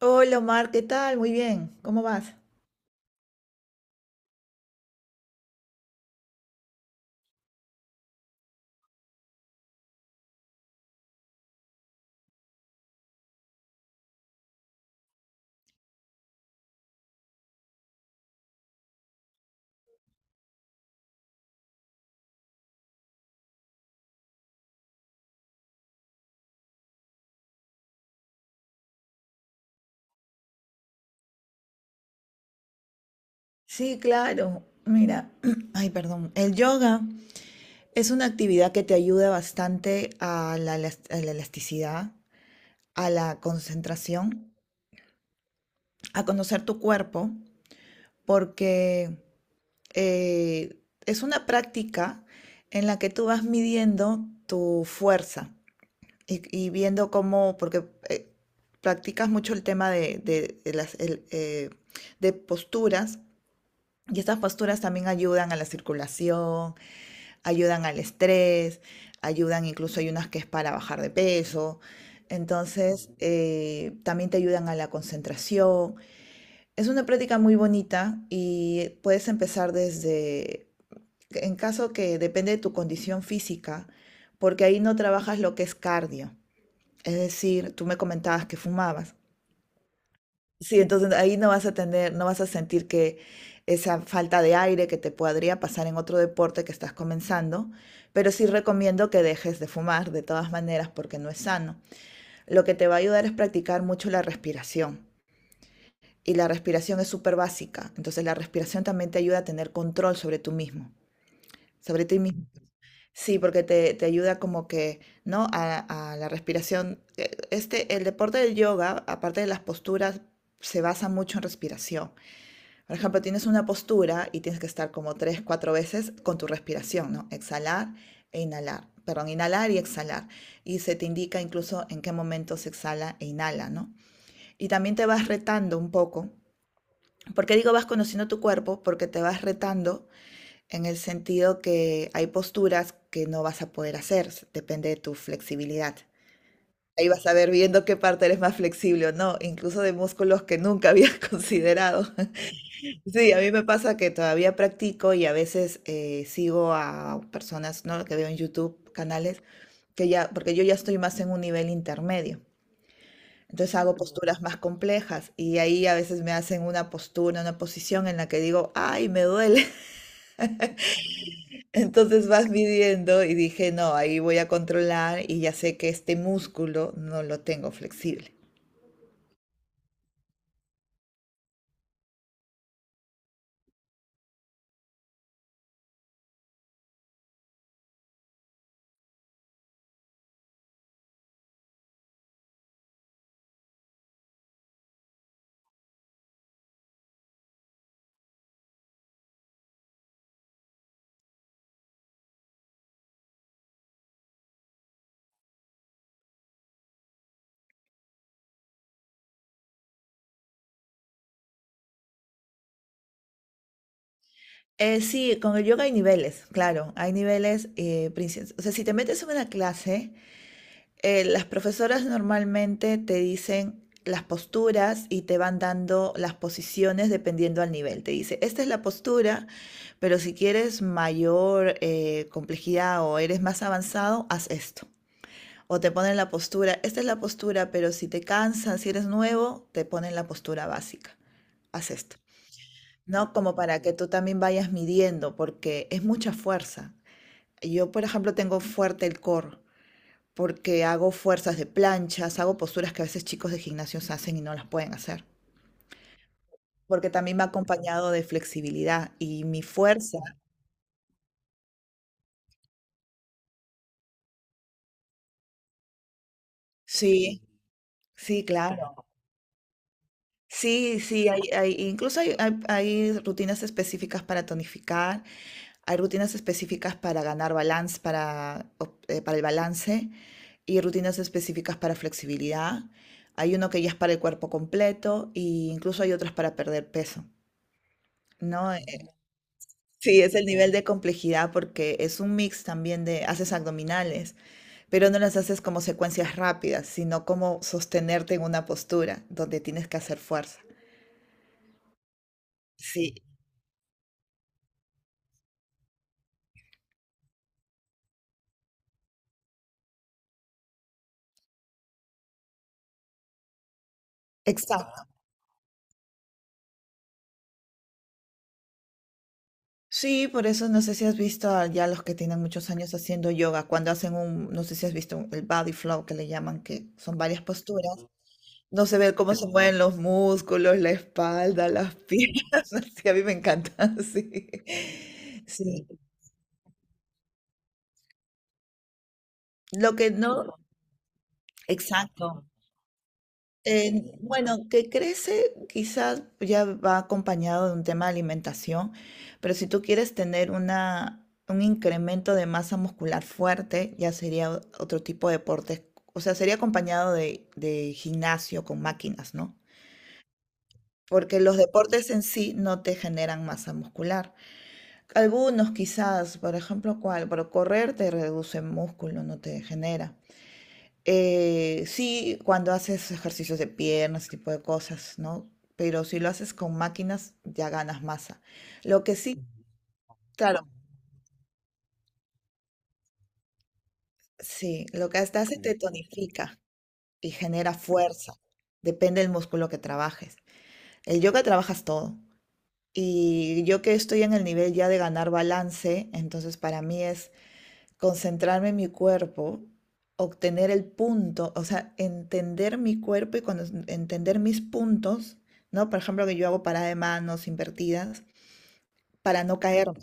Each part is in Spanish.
Hola Omar, ¿qué tal? Muy bien, ¿cómo vas? Sí, claro. Mira, ay, perdón. El yoga es una actividad que te ayuda bastante a la, elas- a la elasticidad, a la concentración, a conocer tu cuerpo, porque eh, es una práctica en la que tú vas midiendo tu fuerza y viendo cómo, porque practicas mucho el tema de posturas. Y estas posturas también ayudan a la circulación, ayudan al estrés, ayudan, incluso hay unas que es para bajar de peso. Entonces, también te ayudan a la concentración. Es una práctica muy bonita y puedes empezar desde, en caso, que depende de tu condición física, porque ahí no trabajas lo que es cardio. Es decir, tú me comentabas que fumabas. Sí, entonces ahí no vas a tener, no vas a sentir que esa falta de aire que te podría pasar en otro deporte que estás comenzando, pero sí recomiendo que dejes de fumar de todas maneras porque no es sano. Lo que te va a ayudar es practicar mucho la respiración, y la respiración es súper básica. Entonces, la respiración también te ayuda a tener control sobre tú mismo. Sobre ti mismo. Sí, porque te ayuda como que, ¿no? A la respiración. Este, el deporte del yoga, aparte de las posturas, se basa mucho en respiración. Por ejemplo, tienes una postura y tienes que estar como tres, cuatro veces con tu respiración, ¿no? Exhalar e inhalar. Perdón, inhalar y exhalar. Y se te indica incluso en qué momento se exhala e inhala, ¿no? Y también te vas retando un poco. ¿Por qué digo vas conociendo tu cuerpo? Porque te vas retando en el sentido que hay posturas que no vas a poder hacer, depende de tu flexibilidad. Ahí vas a ver viendo qué parte eres más flexible o no, incluso de músculos que nunca habías considerado. Sí, a mí me pasa que todavía practico, y a veces sigo a personas, ¿no? Que veo en YouTube, canales, que ya, porque yo ya estoy más en un nivel intermedio. Entonces hago posturas más complejas, y ahí a veces me hacen una postura, una posición en la que digo, ay, me duele. Entonces vas midiendo y dije, no, ahí voy a controlar, y ya sé que este músculo no lo tengo flexible. Sí, con el yoga hay niveles, claro, hay niveles, o sea, si te metes en una clase, las profesoras normalmente te dicen las posturas y te van dando las posiciones dependiendo al nivel. Te dice, esta es la postura, pero si quieres mayor complejidad, o eres más avanzado, haz esto. O te ponen la postura, esta es la postura, pero si te cansan, si eres nuevo, te ponen la postura básica. Haz esto. ¿No? Como para que tú también vayas midiendo, porque es mucha fuerza. Yo, por ejemplo, tengo fuerte el core, porque hago fuerzas de planchas, hago posturas que a veces chicos de gimnasios hacen y no las pueden hacer, porque también va acompañado de flexibilidad y mi fuerza. Sí, sí, claro. Sí, sí, incluso hay rutinas específicas para tonificar, hay rutinas específicas para ganar balance, para el balance, y rutinas específicas para flexibilidad. Hay uno que ya es para el cuerpo completo, e incluso hay otras para perder peso, ¿no? Sí, es el nivel de complejidad, porque es un mix también de haces abdominales, pero no las haces como secuencias rápidas, sino como sostenerte en una postura donde tienes que hacer fuerza. Sí, exacto. Sí, por eso no sé si has visto a ya los que tienen muchos años haciendo yoga, cuando hacen un, no sé si has visto el body flow, que le llaman, que son varias posturas. No se ve cómo se, ujú, mueven los músculos, la espalda, las piernas. Sí, a mí me encanta, sí. Sí, lo que no, exacto. Bueno, que crece quizás ya va acompañado de un tema de alimentación, pero si tú quieres tener una, un incremento de masa muscular fuerte, ya sería otro tipo de deportes. O sea, sería acompañado de, gimnasio con máquinas, ¿no? Porque los deportes en sí no te generan masa muscular. Algunos quizás, por ejemplo, ¿cuál? Pero correr te reduce músculo, no te genera. Sí, cuando haces ejercicios de piernas, ese tipo de cosas, ¿no? Pero si lo haces con máquinas, ya ganas masa. Lo que sí, claro, sí, lo que hasta hace, te tonifica y genera fuerza. Depende del músculo que trabajes. El yoga trabajas todo. Y yo, que estoy en el nivel ya de ganar balance, entonces para mí es concentrarme en mi cuerpo, obtener el punto, o sea, entender mi cuerpo, y cuando entender mis puntos, ¿no? Por ejemplo, que yo hago parada de manos invertidas para no caerme.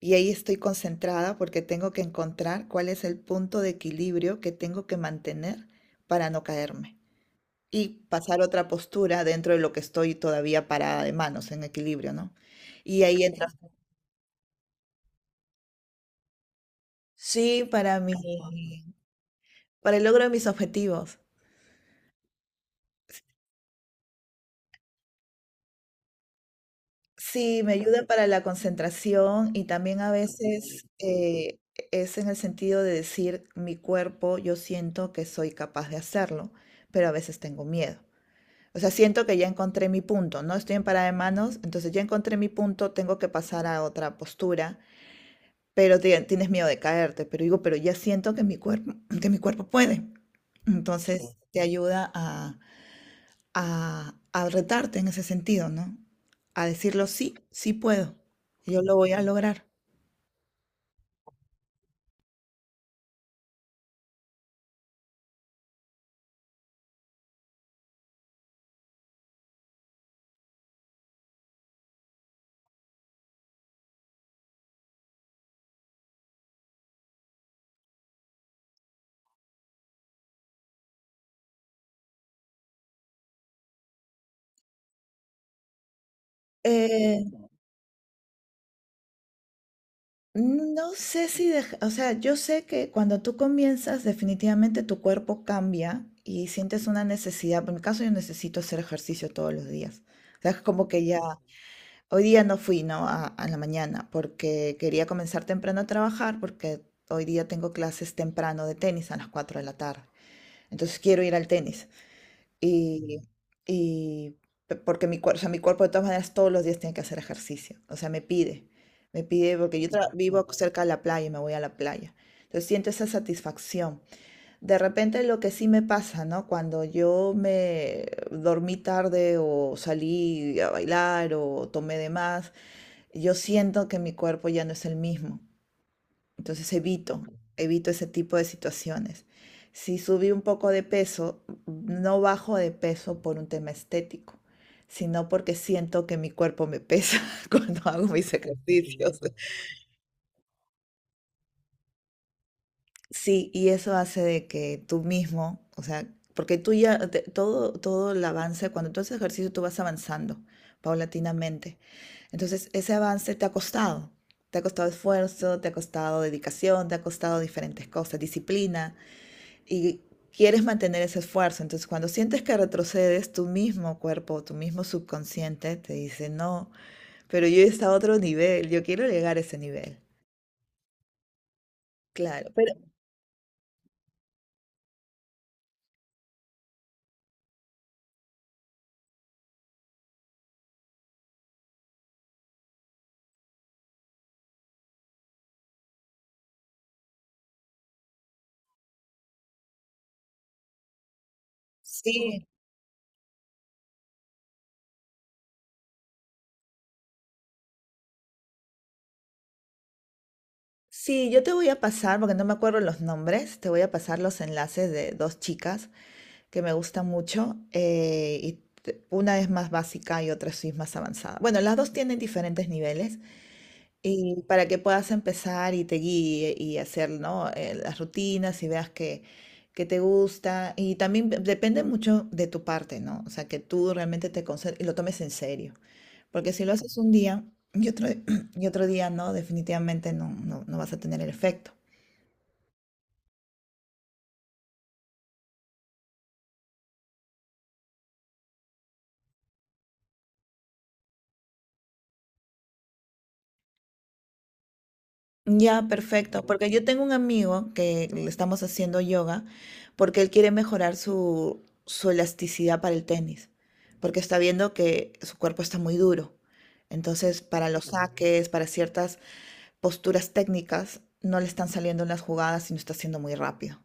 Y ahí estoy concentrada porque tengo que encontrar cuál es el punto de equilibrio que tengo que mantener para no caerme. Y pasar a otra postura, dentro de lo que estoy todavía parada de manos, en equilibrio, ¿no? Y ahí entra. Sí, para mi para el logro de mis objetivos. Sí, me ayuda para la concentración, y también a veces es en el sentido de decir, mi cuerpo, yo siento que soy capaz de hacerlo, pero a veces tengo miedo. O sea, siento que ya encontré mi punto, ¿no? Estoy en parada de manos, entonces ya encontré mi punto, tengo que pasar a otra postura, pero tienes miedo de caerte, pero digo, pero ya siento que mi cuerpo puede. Entonces te ayuda a retarte en ese sentido, ¿no? A decirlo, sí, sí puedo, yo lo voy a lograr. Eh, no sé si, dej- o sea, yo sé que cuando tú comienzas, definitivamente tu cuerpo cambia y sientes una necesidad. Bueno, en mi caso, yo necesito hacer ejercicio todos los días. O sea, es como que ya, hoy día no fui, ¿no? A la mañana, porque quería comenzar temprano a trabajar, porque hoy día tengo clases temprano de tenis a las 4 de la tarde. Entonces quiero ir al tenis. Y, y porque mi cuerpo, o sea, mi cuerpo, de todas maneras, todos los días tiene que hacer ejercicio. O sea, me pide, me pide, porque yo vivo cerca de la playa y me voy a la playa. Entonces siento esa satisfacción. De repente lo que sí me pasa, ¿no? Cuando yo me dormí tarde, o salí a bailar, o tomé de más, yo siento que mi cuerpo ya no es el mismo. Entonces evito ese tipo de situaciones. Si subí un poco de peso, no bajo de peso por un tema estético, sino porque siento que mi cuerpo me pesa cuando hago mis ejercicios. Sí, y eso hace de que tú mismo, o sea, porque tú ya, todo el avance, cuando tú haces ejercicio, tú vas avanzando paulatinamente. Entonces, ese avance te ha costado. Te ha costado esfuerzo, te ha costado dedicación, te ha costado diferentes cosas, disciplina. Y quieres mantener ese esfuerzo. Entonces, cuando sientes que retrocedes, tu mismo cuerpo, tu mismo subconsciente te dice, no, pero yo está a otro nivel, yo quiero llegar a ese nivel. Claro, pero sí, sí, yo te voy a pasar, porque no me acuerdo los nombres, te voy a pasar los enlaces de dos chicas que me gustan mucho. Y una es más básica y otra sí es más avanzada. Bueno, las dos tienen diferentes niveles, y para que puedas empezar y te guíe y hacer, ¿no? Las rutinas, y veas que te gusta. Y también depende mucho de tu parte, ¿no? O sea, que tú realmente te concentres y lo tomes en serio. Porque si lo haces un día y otro, y otro día, no, definitivamente no, no, no vas a tener el efecto. Ya, perfecto, porque yo tengo un amigo que le estamos haciendo yoga, porque él quiere mejorar su elasticidad para el tenis, porque está viendo que su cuerpo está muy duro. Entonces, para los, ujú, saques, para ciertas posturas técnicas, no le están saliendo las jugadas y no está siendo muy rápido.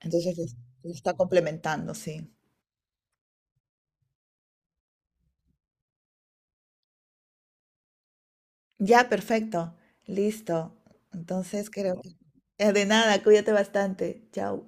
Entonces, lo está complementando, sí. Ya, perfecto, listo. Entonces, creo que. De nada, cuídate bastante. Chao.